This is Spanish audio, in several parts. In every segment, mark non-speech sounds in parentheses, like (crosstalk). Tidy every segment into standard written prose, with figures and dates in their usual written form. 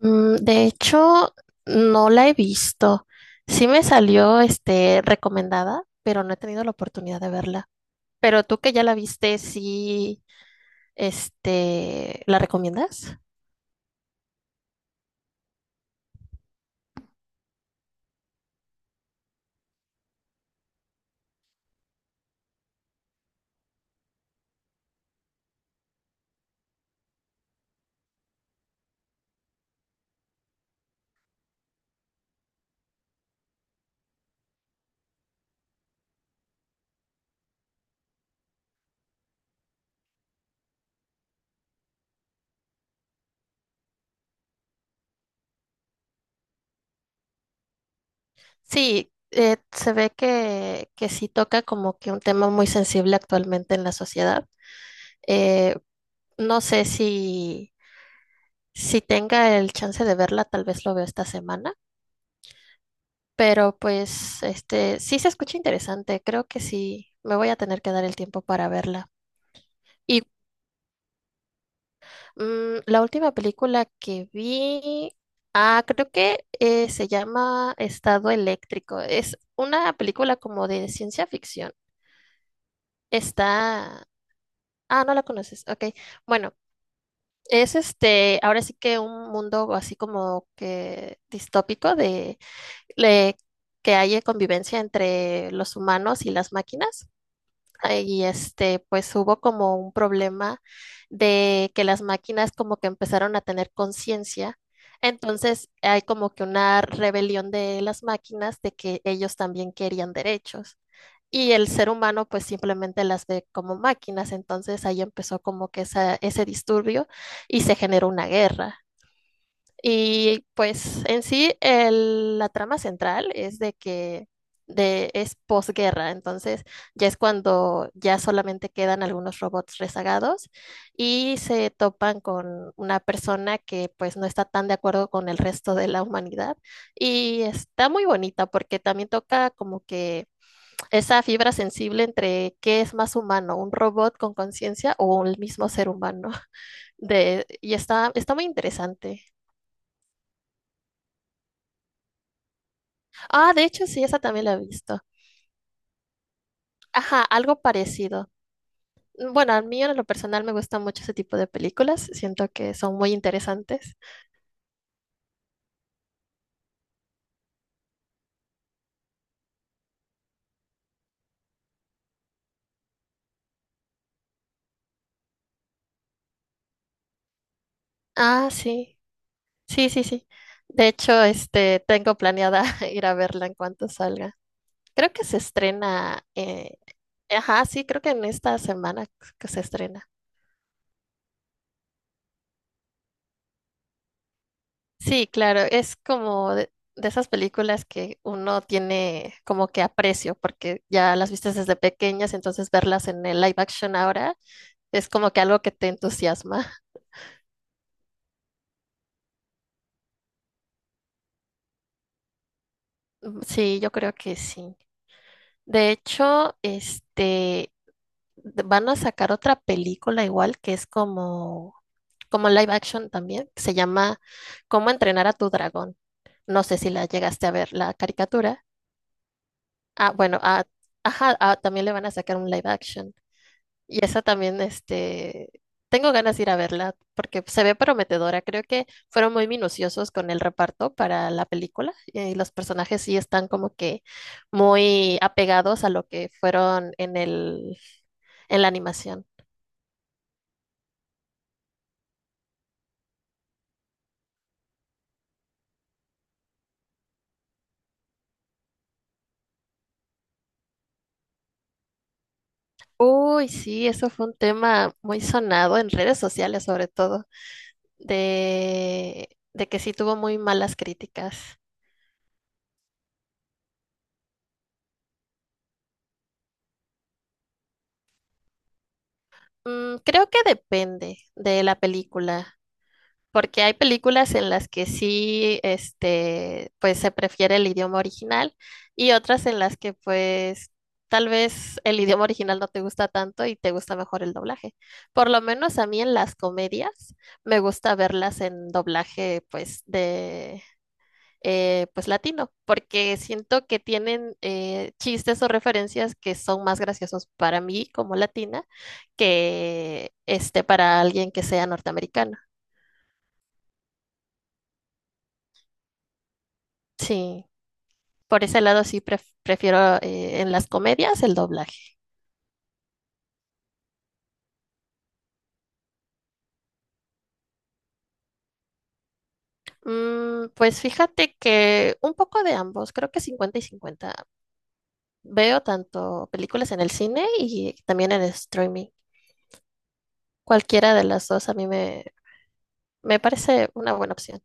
Mm, de hecho, no la he visto. Sí me salió, recomendada, pero no he tenido la oportunidad de verla. Pero tú que ya la viste, sí, ¿la recomiendas? Sí, se ve que sí toca como que un tema muy sensible actualmente en la sociedad. Eh, no sé si tenga el chance de verla, tal vez lo veo esta semana. Pero pues, sí se escucha interesante. Creo que sí, me voy a tener que dar el tiempo para verla. Y la última película que vi, ah, creo que se llama Estado Eléctrico. Es una película como de ciencia ficción. Está, ah, no la conoces. Ok, bueno, es este, ahora sí que un mundo así como que distópico le- que haya convivencia entre los humanos y las máquinas. Y este, pues hubo como un problema de que las máquinas como que empezaron a tener conciencia. Entonces hay como que una rebelión de las máquinas de que ellos también querían derechos. Y el ser humano pues simplemente las ve como máquinas. Entonces ahí empezó como que ese disturbio y se generó una guerra. Y pues en sí la trama central es de que es posguerra, entonces ya es cuando ya solamente quedan algunos robots rezagados y se topan con una persona que pues no está tan de acuerdo con el resto de la humanidad y está muy bonita porque también toca como que esa fibra sensible entre qué es más humano, un robot con conciencia o el mismo ser humano (laughs) y está muy interesante. Ah, de hecho, sí, esa también la he visto. Ajá, algo parecido. Bueno, a mí en lo personal me gusta mucho ese tipo de películas. Siento que son muy interesantes. Ah, sí. Sí, sí, sí. De hecho, tengo planeada (laughs) ir a verla en cuanto salga. Creo que se estrena. Ajá, sí, creo que en esta semana que se estrena. Sí, claro, es como de esas películas que uno tiene como que aprecio, porque ya las viste desde pequeñas, entonces verlas en el live action ahora. Es como que algo que te entusiasma. (laughs) Sí, yo creo que sí. De hecho, van a sacar otra película igual que es como live action también, que se llama ¿Cómo entrenar a tu dragón? No sé si la llegaste a ver, la caricatura. Ah, bueno, ajá, ah, también le van a sacar un live action. Y esa también, tengo ganas de ir a verla porque se ve prometedora. Creo que fueron muy minuciosos con el reparto para la película y los personajes sí están como que muy apegados a lo que fueron en en la animación. Uy, sí, eso fue un tema muy sonado en redes sociales sobre todo, de, de que sí tuvo muy malas críticas. Mm, creo que depende de la película. Porque hay películas en las que sí, pues se prefiere el idioma original y otras en las que pues tal vez el idioma original no te gusta tanto y te gusta mejor el doblaje. Por lo menos a mí en las comedias me gusta verlas en doblaje pues de pues latino, porque siento que tienen chistes o referencias que son más graciosos para mí como latina que para alguien que sea norteamericano. Sí. Por ese lado sí prefiero en las comedias el doblaje. Mm, pues fíjate que un poco de ambos, creo que 50 y 50. Veo tanto películas en el cine y también en streaming. Cualquiera de las dos a mí me parece una buena opción.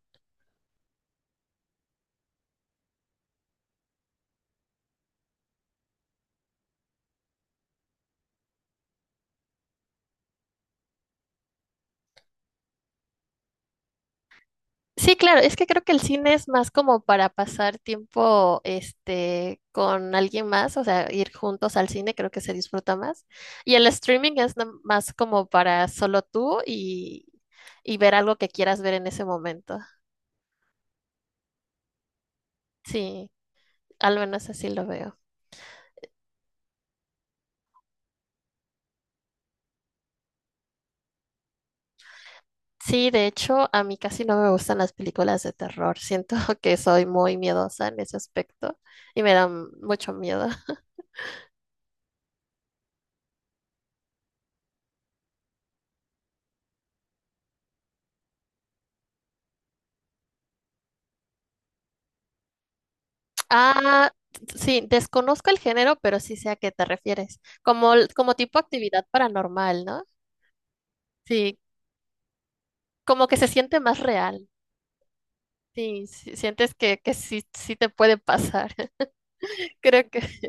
Sí, claro, es que creo que el cine es más como para pasar tiempo, con alguien más, o sea, ir juntos al cine, creo que se disfruta más. Y el streaming es más como para solo tú y ver algo que quieras ver en ese momento. Sí, al menos así lo veo. Sí, de hecho, a mí casi no me gustan las películas de terror. Siento (laughs) que soy muy miedosa en ese aspecto y me dan mucho miedo. Ah, sí, desconozco el género, pero sí sé a qué te refieres. Como, como tipo actividad paranormal, ¿no? Sí, como que se siente más real. Sí, sí, sientes que sí, sí te puede pasar. (laughs) Creo que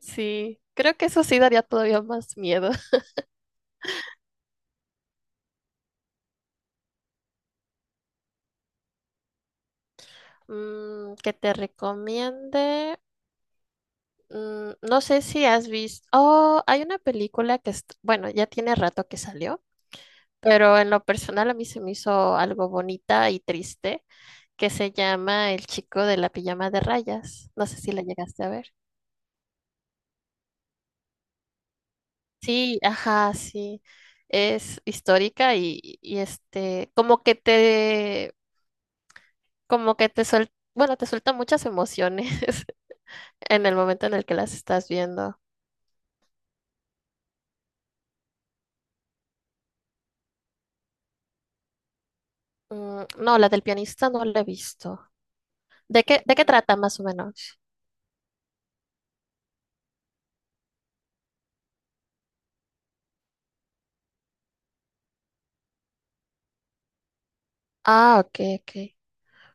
sí, creo que eso sí daría todavía más miedo. (laughs) Mm, que te recomiende. Mm, no sé si has visto. Oh, hay una película bueno, ya tiene rato que salió, pero en lo personal a mí se me hizo algo bonita y triste. Que se llama El chico de la pijama de rayas. No sé si la llegaste a ver. Sí, ajá, sí. Es histórica y, como que como que te suelta, bueno, te suelta muchas emociones (laughs) en el momento en el que las estás viendo. Mm, no, la del pianista no la he visto. De qué trata más o menos? Ah, ok, ok.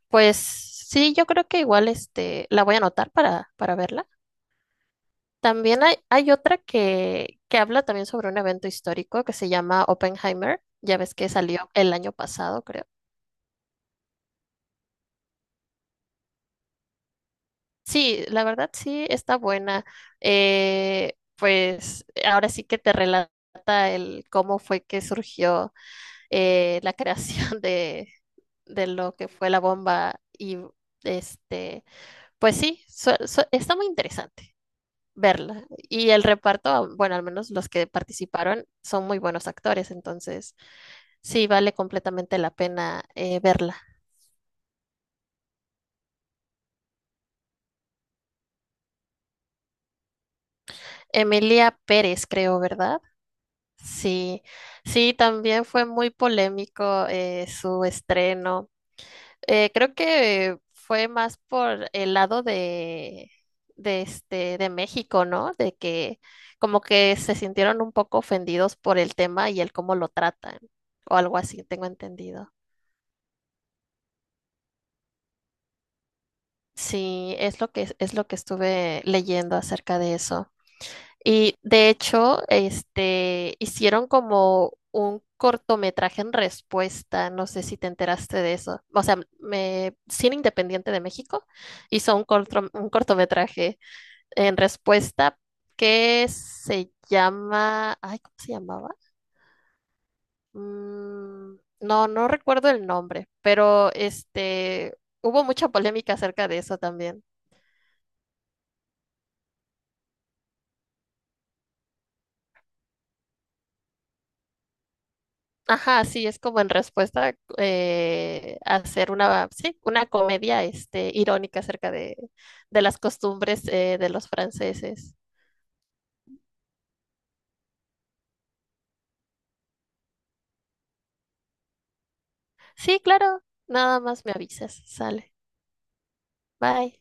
Pues sí, yo creo que igual la voy a anotar para verla. También hay otra que habla también sobre un evento histórico que se llama Oppenheimer. Ya ves que salió el año pasado, creo. Sí, la verdad sí está buena. Pues ahora sí que te relata el cómo fue que surgió la (laughs) creación de lo que fue la bomba. Y este, pues sí, está muy interesante verla. Y el reparto, bueno, al menos los que participaron son muy buenos actores, entonces. Sí, vale completamente la pena verla. Emilia Pérez, creo, ¿verdad? Sí, sí, también fue muy polémico su estreno. Creo que fue más por el lado de de México, ¿no? De que como que se sintieron un poco ofendidos por el tema y el cómo lo tratan, o algo así, tengo entendido. Sí, es lo es lo que estuve leyendo acerca de eso. Y de hecho, hicieron como un cortometraje en respuesta, no sé si te enteraste de eso. O sea, Cine Independiente de México hizo un cortometraje en respuesta que se llama, ay, ¿cómo se llamaba? Mm, no, no recuerdo el nombre, pero hubo mucha polémica acerca de eso también. Ajá, sí, es como en respuesta hacer una, sí, una comedia irónica acerca de las costumbres de los franceses. Sí, claro, nada más me avisas, sale. Bye.